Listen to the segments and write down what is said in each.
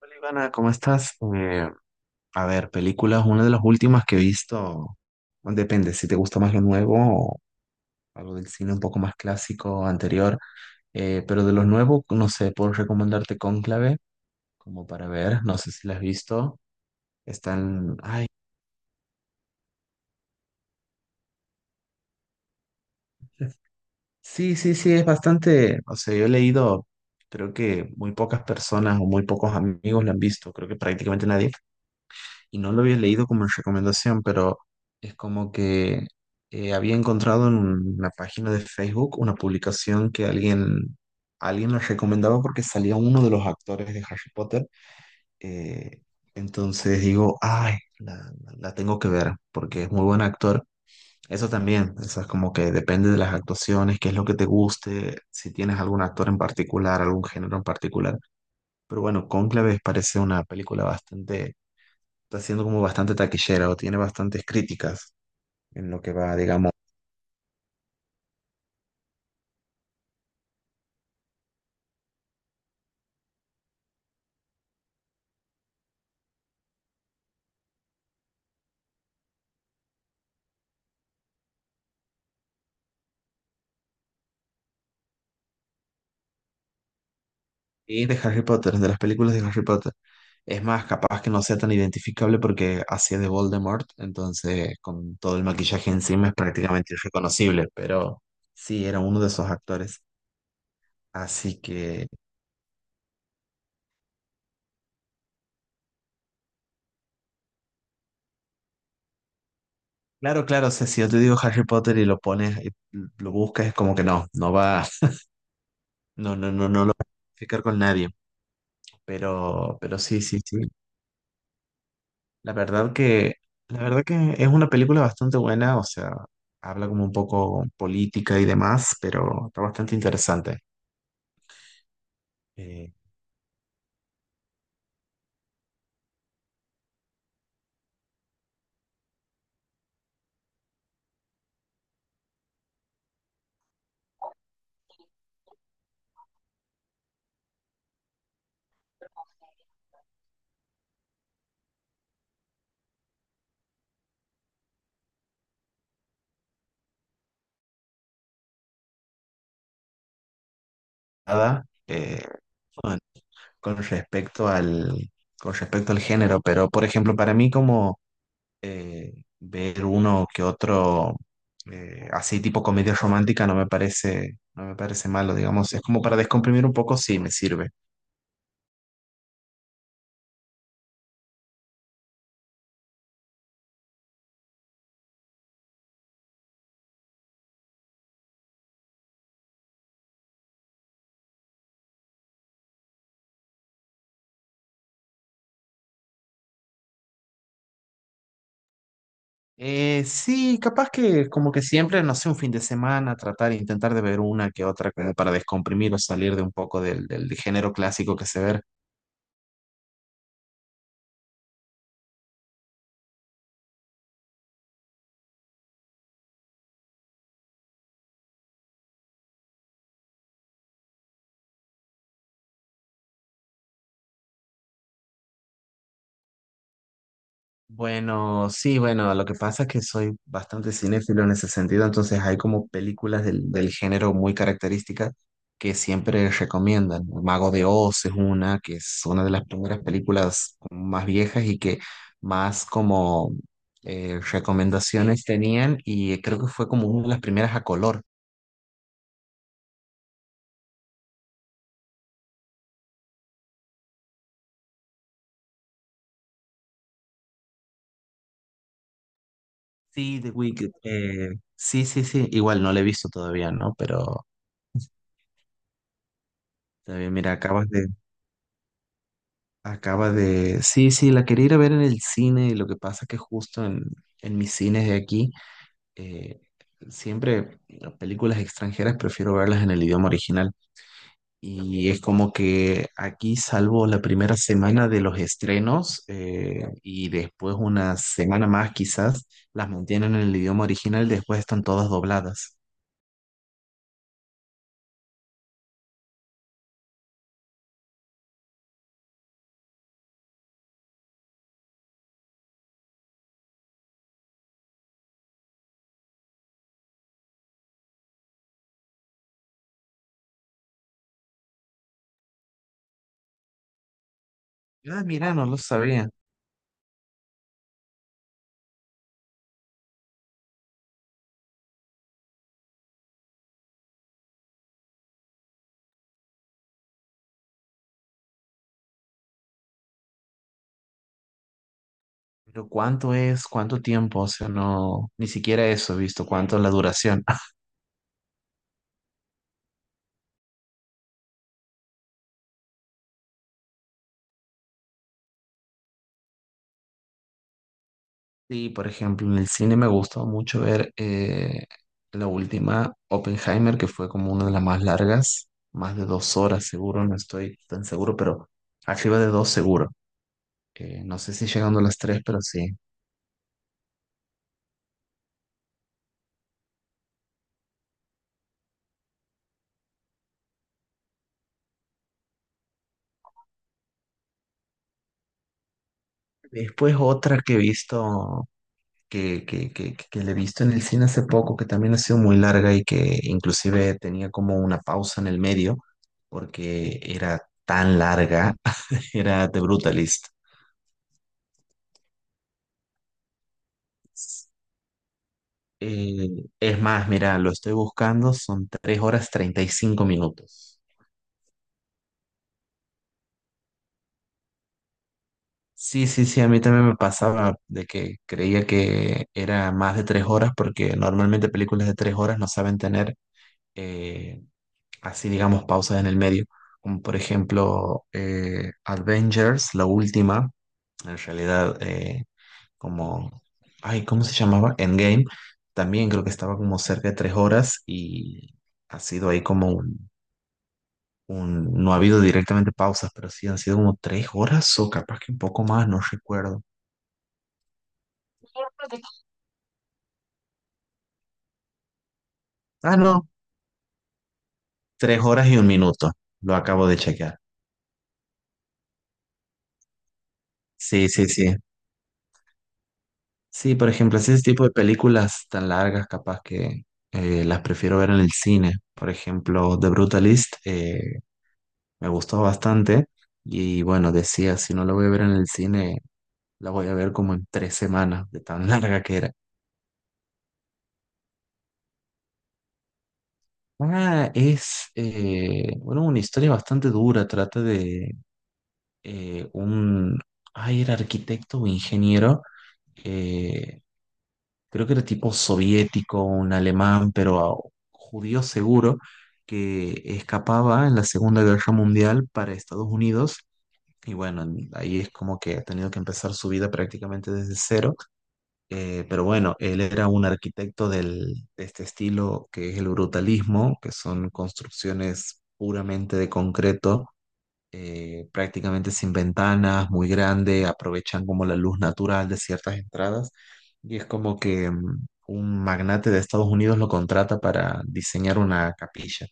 Hola Ivana, ¿cómo estás? A ver, películas, una de las últimas que he visto, bueno, depende si te gusta más lo nuevo o algo del cine un poco más clásico, anterior, pero de lo nuevo, no sé, puedo recomendarte Cónclave, como para ver, no sé si la has visto, ay, sí, sí, sí, es bastante, o sea, yo he leído, creo que muy pocas personas o muy pocos amigos la han visto, creo que prácticamente nadie, y no lo había leído como en recomendación, pero es como que había encontrado en una página de Facebook una publicación que alguien la recomendaba porque salía uno de los actores de Harry Potter. eh, entonces digo, ay, la tengo que ver porque es muy buen actor. Eso también, eso es como que depende de las actuaciones, qué es lo que te guste, si tienes algún actor en particular, algún género en particular. Pero bueno, Cónclave parece una película bastante, está siendo como bastante taquillera o tiene bastantes críticas en lo que va, digamos. Y de Harry Potter, de las películas de Harry Potter. Es más, capaz que no sea tan identificable porque hacía de Voldemort, entonces con todo el maquillaje encima es prácticamente irreconocible, pero sí, era uno de esos actores. Así que, claro, claro, o sea, si yo te digo Harry Potter y lo pones, y lo buscas, es como que no, no va, no, no, no, no lo va a identificar con nadie, pero sí, sí, sí. La verdad que, la verdad que es una película bastante buena, o sea, habla como un poco política y demás, pero está bastante interesante. Eh, nada, con, con respecto al, con respecto al género, pero por ejemplo, para mí como ver uno que otro así tipo comedia romántica no me parece malo, digamos, es como para descomprimir un poco, sí, me sirve. Sí, capaz que como que siempre, no sé, un fin de semana, intentar de ver una que otra para descomprimir o salir de un poco del género clásico que se ve. Bueno, sí, bueno, lo que pasa es que soy bastante cinéfilo en ese sentido, entonces hay como películas del género muy características que siempre recomiendan. El Mago de Oz es una, que es una de las primeras películas como más viejas y que más como recomendaciones tenían y creo que fue como una de las primeras a color. Sí, The Wicked. Sí, sí, sí. Igual no la he visto todavía, ¿no? Pero también, mira, acabas de. Sí, sí, la quería ir a ver en el cine. Y lo que pasa es que justo en mis cines de aquí, eh, siempre las películas extranjeras prefiero verlas en el idioma original. Y es como que aquí, salvo la primera semana de los estrenos, y después una semana más quizás, las mantienen en el idioma original, después están todas dobladas. Ah, mira, no lo sabía. Pero ¿cuánto es? ¿Cuánto tiempo? O sea, no, ni siquiera eso he visto, cuánto es la duración. Sí, por ejemplo, en el cine me gustó mucho ver la última, Oppenheimer, que fue como una de las más largas, más de 2 horas seguro, no estoy tan seguro, pero arriba de dos seguro. No sé si llegando a las tres, pero sí. Después otra que he visto que le he visto en el cine hace poco, que también ha sido muy larga y que inclusive tenía como una pausa en el medio porque era tan larga, era The Brutalist. Eh, es más, mira, lo estoy buscando, son 3 horas 35 minutos. Sí, sí, sí, a mí también me pasaba de que creía que era más de 3 horas porque normalmente películas de 3 horas no saben tener eh, así digamos pausas en el medio, como por ejemplo Avengers, la última, en realidad como, ay, ¿cómo se llamaba? Endgame, también creo que estaba como cerca de 3 horas y ha sido ahí como no ha habido directamente pausas, pero sí han sido como 3 horas o capaz que un poco más, no recuerdo. Ah, no, 3 horas y 1 minuto, lo acabo de chequear. Sí, sí, sí. Sí, por ejemplo, ese tipo de películas tan largas, capaz que las prefiero ver en el cine. Por ejemplo, The Brutalist me gustó bastante y bueno, decía, si no la voy a ver en el cine, la voy a ver como en 3 semanas, de tan larga que era. Ah, es bueno, una historia bastante dura, trata de eh, un, ay, era arquitecto o ingeniero creo que era tipo soviético, un alemán, pero judío seguro, que escapaba en la Segunda Guerra Mundial para Estados Unidos. Y bueno, ahí es como que ha tenido que empezar su vida prácticamente desde cero. Pero bueno, él era un arquitecto de este estilo que es el brutalismo, que son construcciones puramente de concreto prácticamente sin ventanas, muy grande, aprovechan como la luz natural de ciertas entradas y es como que un magnate de Estados Unidos lo contrata para diseñar una capilla,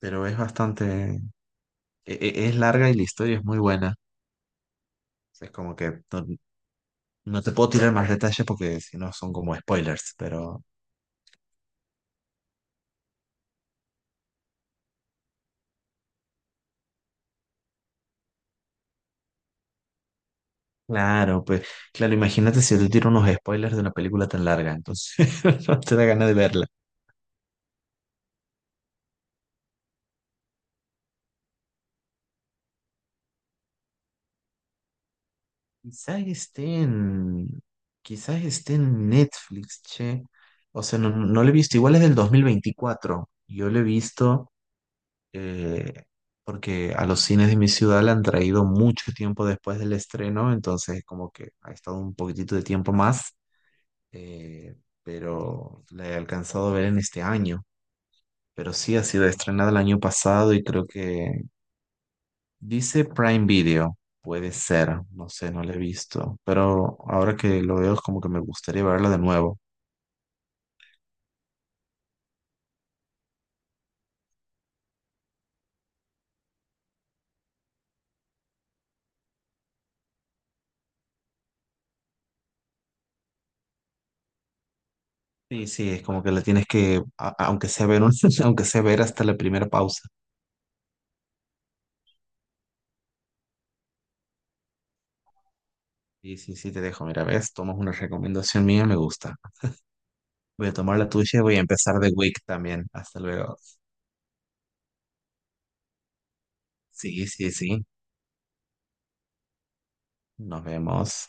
pero es bastante, es larga y la historia es muy buena, es como que no, no te puedo tirar más detalles porque si no son como spoilers, pero... Claro, pues claro, imagínate si yo te tiro unos spoilers de una película tan larga, entonces no te da ganas de verla. Quizás esté en, quizás esté en Netflix, che. O sea, no, no lo he visto. Igual es del 2024. Yo lo he visto eh, porque a los cines de mi ciudad la han traído mucho tiempo después del estreno, entonces como que ha estado un poquitito de tiempo más, eh, pero la he alcanzado a ver en este año. Pero sí ha sido estrenada el año pasado y creo que dice Prime Video, puede ser, no sé, no la he visto, pero ahora que lo veo es como que me gustaría verla de nuevo. Sí, sí, es como que la tienes que, aunque sea ver aunque sea ver hasta la primera pausa. Sí, sí, sí, te dejo, mira, ves, tomas una recomendación mía, me gusta. Voy a tomar la tuya y voy a empezar The Week también. Hasta luego. Sí, sí, sí, nos vemos.